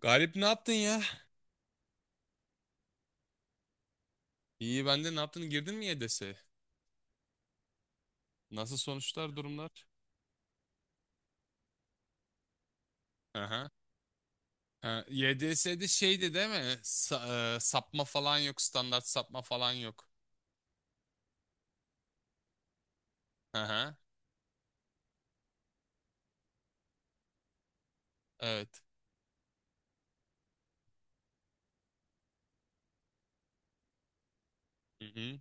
Galip ne yaptın ya? İyi ben de ne yaptın? Girdin mi YDS'ye? Nasıl sonuçlar, durumlar? Aha. Ha, YDS'de şeydi değil mi? Sapma falan yok, standart sapma falan yok. Aha. Evet. Hı hı.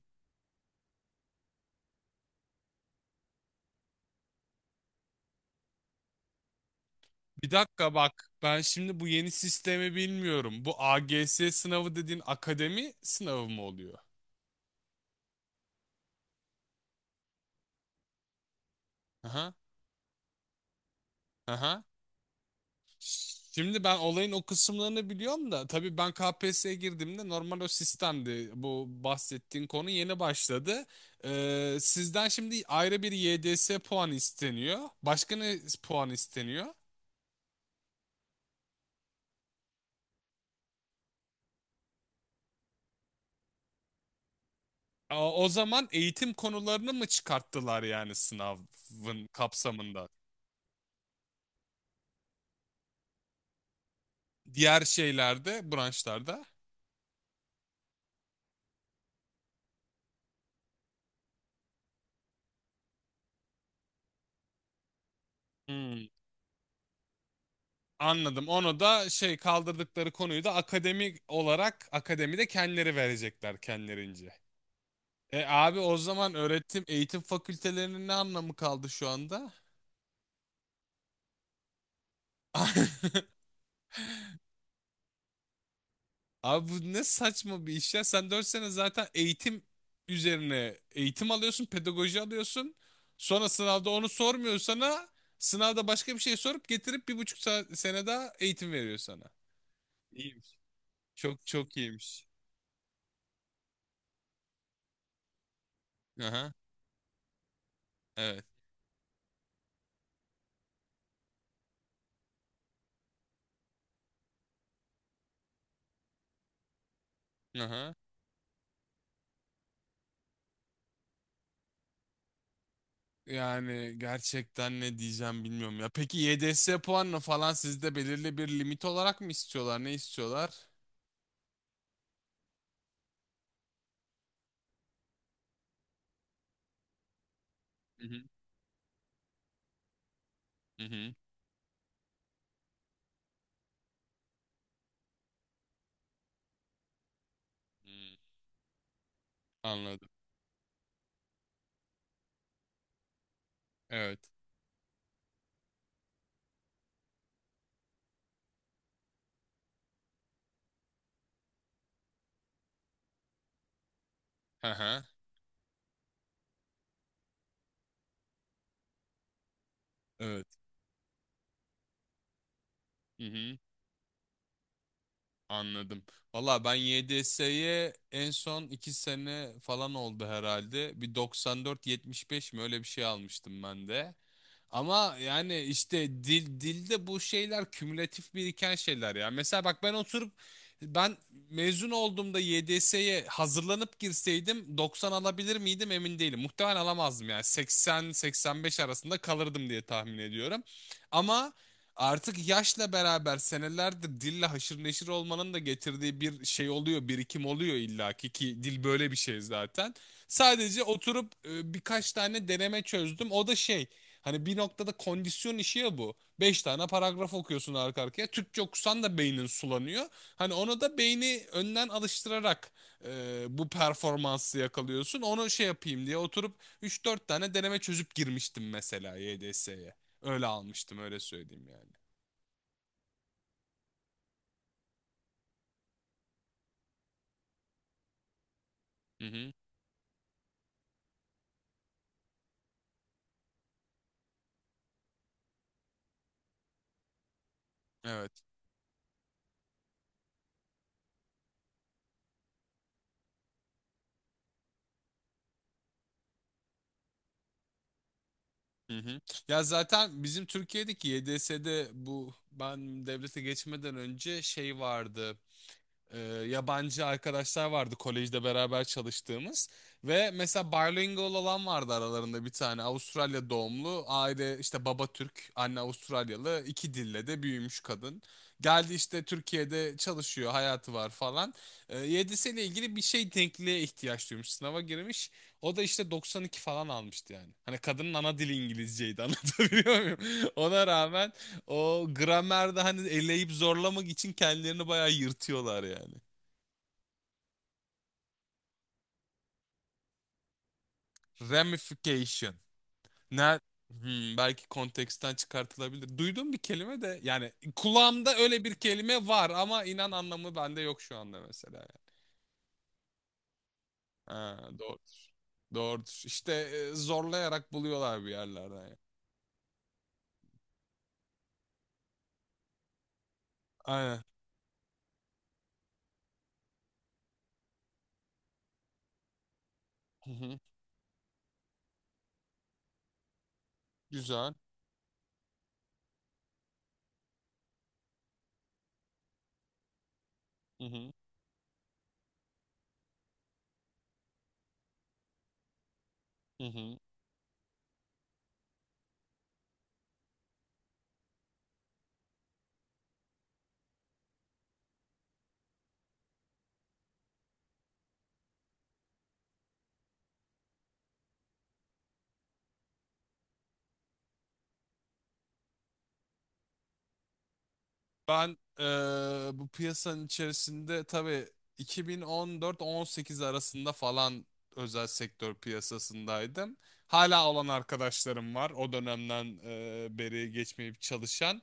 Bir dakika bak, ben şimdi bu yeni sistemi bilmiyorum. Bu AGS sınavı dediğin akademi sınavı mı oluyor? Aha. Aha. Şimdi ben olayın o kısımlarını biliyorum da tabii ben KPSS'ye girdiğimde normal o sistemdi. Bu bahsettiğin konu yeni başladı. Sizden şimdi ayrı bir YDS puan isteniyor. Başka ne puan isteniyor? Aa, o zaman eğitim konularını mı çıkarttılar yani sınavın kapsamında? Diğer şeylerde, branşlarda? Hmm, anladım. Onu da şey kaldırdıkları konuyu da akademik olarak akademide kendileri verecekler kendilerince. E abi o zaman öğretim eğitim fakültelerinin ne anlamı kaldı şu anda? Abi bu ne saçma bir iş ya. Sen 4 sene zaten eğitim üzerine eğitim alıyorsun, pedagoji alıyorsun. Sonra sınavda onu sormuyor sana. Sınavda başka bir şey sorup getirip bir buçuk sene daha eğitim veriyor sana. İyiymiş. Çok çok iyiymiş. Aha, evet. Aha. Yani gerçekten ne diyeceğim bilmiyorum ya. Peki YDS puanını falan sizde belirli bir limit olarak mı istiyorlar? Ne istiyorlar? Hı hı. Hı hı. Hmm, anladım. Evet. Hı hı. Evet. Hı hı. Anladım. Valla ben 7S'ye en son 2 sene falan oldu herhalde. Bir 94-75 mi öyle bir şey almıştım ben de. Ama yani işte dil dilde bu şeyler kümülatif biriken şeyler ya. Mesela bak ben oturup ben mezun olduğumda YDS'ye hazırlanıp girseydim 90 alabilir miydim emin değilim. Muhtemelen alamazdım yani 80-85 arasında kalırdım diye tahmin ediyorum. Ama artık yaşla beraber senelerdir dille haşır neşir olmanın da getirdiği bir şey oluyor, birikim oluyor illaki ki dil böyle bir şey zaten. Sadece oturup birkaç tane deneme çözdüm. O da şey. Hani bir noktada kondisyon işi ya bu. Beş tane paragraf okuyorsun arka arkaya. Türkçe okusan da beynin sulanıyor. Hani ona da beyni önden alıştırarak bu performansı yakalıyorsun. Onu şey yapayım diye oturup üç dört tane deneme çözüp girmiştim mesela YDS'ye. Öyle almıştım öyle söyleyeyim yani. Hı hı. Evet. Hı hı. Ya zaten bizim Türkiye'deki YDS'de bu ben devlete geçmeden önce şey vardı. e, Yabancı arkadaşlar vardı kolejde beraber çalıştığımız ve mesela bilingual olan vardı aralarında bir tane Avustralya doğumlu aile işte baba Türk anne Avustralyalı iki dille de büyümüş kadın geldi işte Türkiye'de çalışıyor hayatı var falan YDS'yle ilgili bir şey denkliğe ihtiyaç duymuş sınava girmiş o da işte 92 falan almıştı yani hani kadının ana dili İngilizceydi anlatabiliyor muyum ona rağmen o gramerde hani eleyip zorlamak için kendilerini bayağı yırtıyorlar yani. Ramification. Ne? Belki konteksten çıkartılabilir. Duyduğum bir kelime de yani kulağımda öyle bir kelime var ama inan anlamı bende yok şu anda mesela yani. Ha, doğrudur. Doğrudur. İşte zorlayarak buluyorlar bir yerlerden, yani. Aynen. Hı hı. Güzel. Hı hı. Hı hı. Ben bu piyasanın içerisinde tabii 2014-18 arasında falan özel sektör piyasasındaydım. Hala olan arkadaşlarım var o dönemden beri geçmeyip çalışan.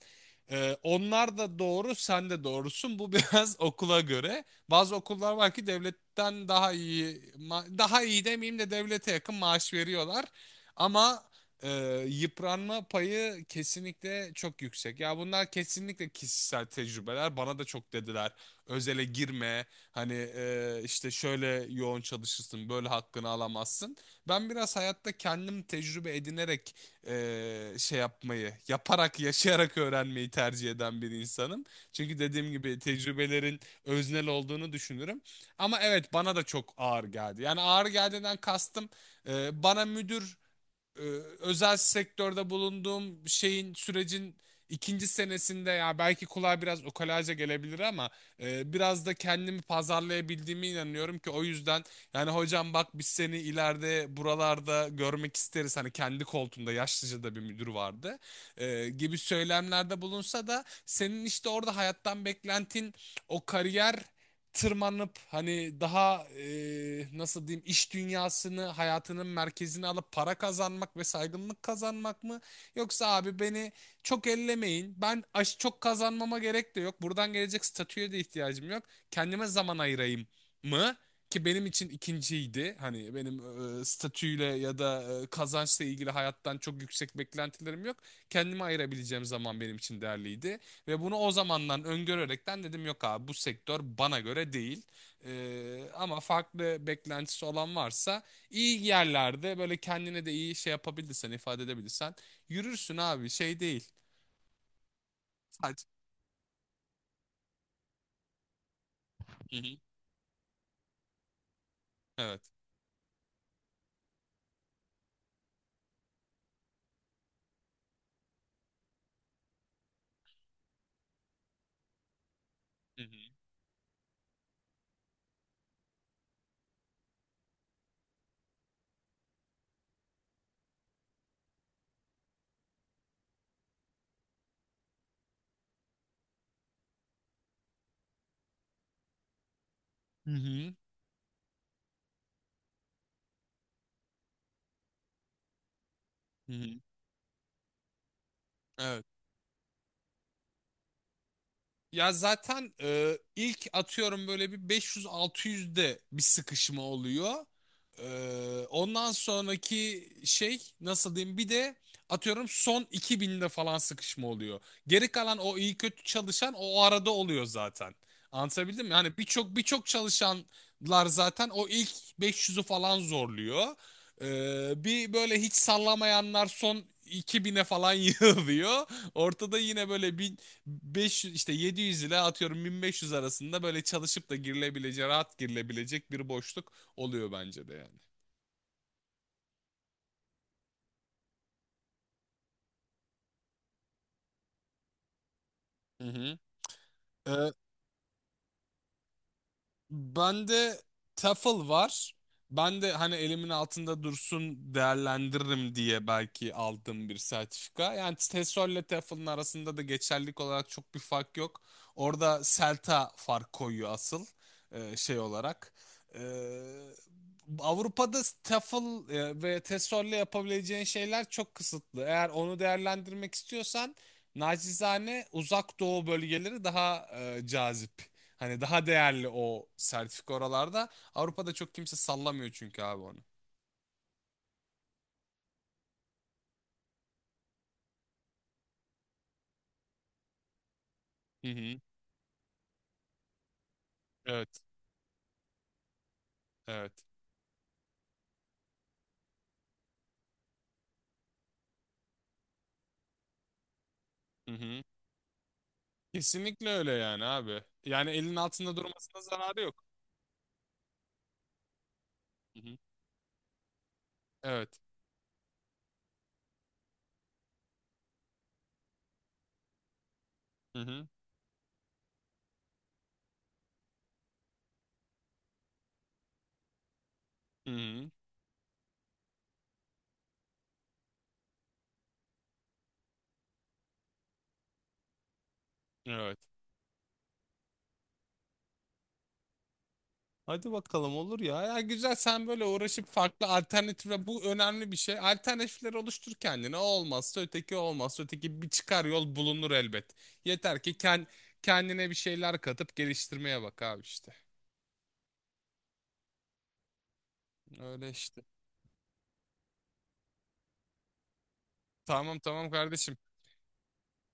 Onlar da doğru, sen de doğrusun. Bu biraz okula göre. Bazı okullar var ki devletten daha iyi, daha iyi demeyeyim de devlete yakın maaş veriyorlar. Ama yıpranma payı kesinlikle çok yüksek. Ya bunlar kesinlikle kişisel tecrübeler. Bana da çok dediler. Özele girme. Hani işte şöyle yoğun çalışırsın, böyle hakkını alamazsın. Ben biraz hayatta kendim tecrübe edinerek şey yapmayı, yaparak, yaşayarak öğrenmeyi tercih eden bir insanım. Çünkü dediğim gibi tecrübelerin öznel olduğunu düşünürüm. Ama evet bana da çok ağır geldi. Yani ağır geldiğinden kastım bana müdür e, özel sektörde bulunduğum şeyin sürecin ikinci senesinde ya belki kulağa biraz ukalaca gelebilir ama biraz da kendimi pazarlayabildiğime inanıyorum ki o yüzden yani hocam bak biz seni ileride buralarda görmek isteriz hani kendi koltuğunda yaşlıca da bir müdür vardı gibi söylemlerde bulunsa da senin işte orada hayattan beklentin o kariyer tırmanıp hani daha nasıl diyeyim iş dünyasını hayatının merkezine alıp para kazanmak ve saygınlık kazanmak mı? Yoksa abi beni çok ellemeyin. Ben aş çok kazanmama gerek de yok. Buradan gelecek statüye de ihtiyacım yok. Kendime zaman ayırayım mı? Ki benim için ikinciydi. Hani benim statüyle ya da kazançla ilgili hayattan çok yüksek beklentilerim yok. Kendime ayırabileceğim zaman benim için değerliydi. Ve bunu o zamandan öngörerekten dedim yok abi bu sektör bana göre değil. Ama farklı beklentisi olan varsa iyi yerlerde böyle kendine de iyi şey yapabilirsen ifade edebilirsen yürürsün abi şey değil. Hadi. Hı hı. Evet. Hı hı. Hı hı. Hı hı. Evet. Ya zaten ilk atıyorum böyle bir 500-600'de bir sıkışma oluyor. E, Ondan sonraki şey nasıl diyeyim bir de atıyorum son 2000'de falan sıkışma oluyor. Geri kalan o iyi kötü çalışan o arada oluyor zaten. Anlatabildim mi? Yani birçok birçok çalışanlar zaten o ilk 500'ü falan zorluyor. Bir böyle hiç sallamayanlar son 2000'e falan yığılıyor. Ortada yine böyle 500 işte 700 ile atıyorum 1500 arasında böyle çalışıp da girilebileceği, rahat girilebilecek bir boşluk oluyor bence de yani. Hı hı. Bende Tafel var. Ben de hani elimin altında dursun değerlendiririm diye belki aldığım bir sertifika. Yani TESOL ile Tafel'ın arasında da geçerlilik olarak çok bir fark yok. Orada Selta fark koyuyor asıl şey olarak. E, Avrupa'da TEFL ve TESOL ile yapabileceğin şeyler çok kısıtlı. Eğer onu değerlendirmek istiyorsan nacizane Uzak Doğu bölgeleri daha cazip. Hani daha değerli o sertifika oralarda. Avrupa'da çok kimse sallamıyor çünkü abi onu. Hı hı. Evet. Evet. Hı hı. Kesinlikle öyle yani abi. Yani elin altında durmasına zararı yok. Hı hı. Evet. Hı hı. Hı hı. Evet. Hadi bakalım olur ya. Ya güzel sen böyle uğraşıp farklı alternatifle bu önemli bir şey. Alternatifleri oluştur kendine. O olmazsa öteki o olmazsa öteki bir çıkar yol bulunur elbet. Yeter ki kendine bir şeyler katıp geliştirmeye bak abi işte. Öyle işte. Tamam tamam kardeşim.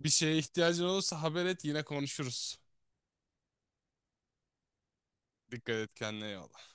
Bir şeye ihtiyacın olursa haber et yine konuşuruz. Dikkat et kendine iyi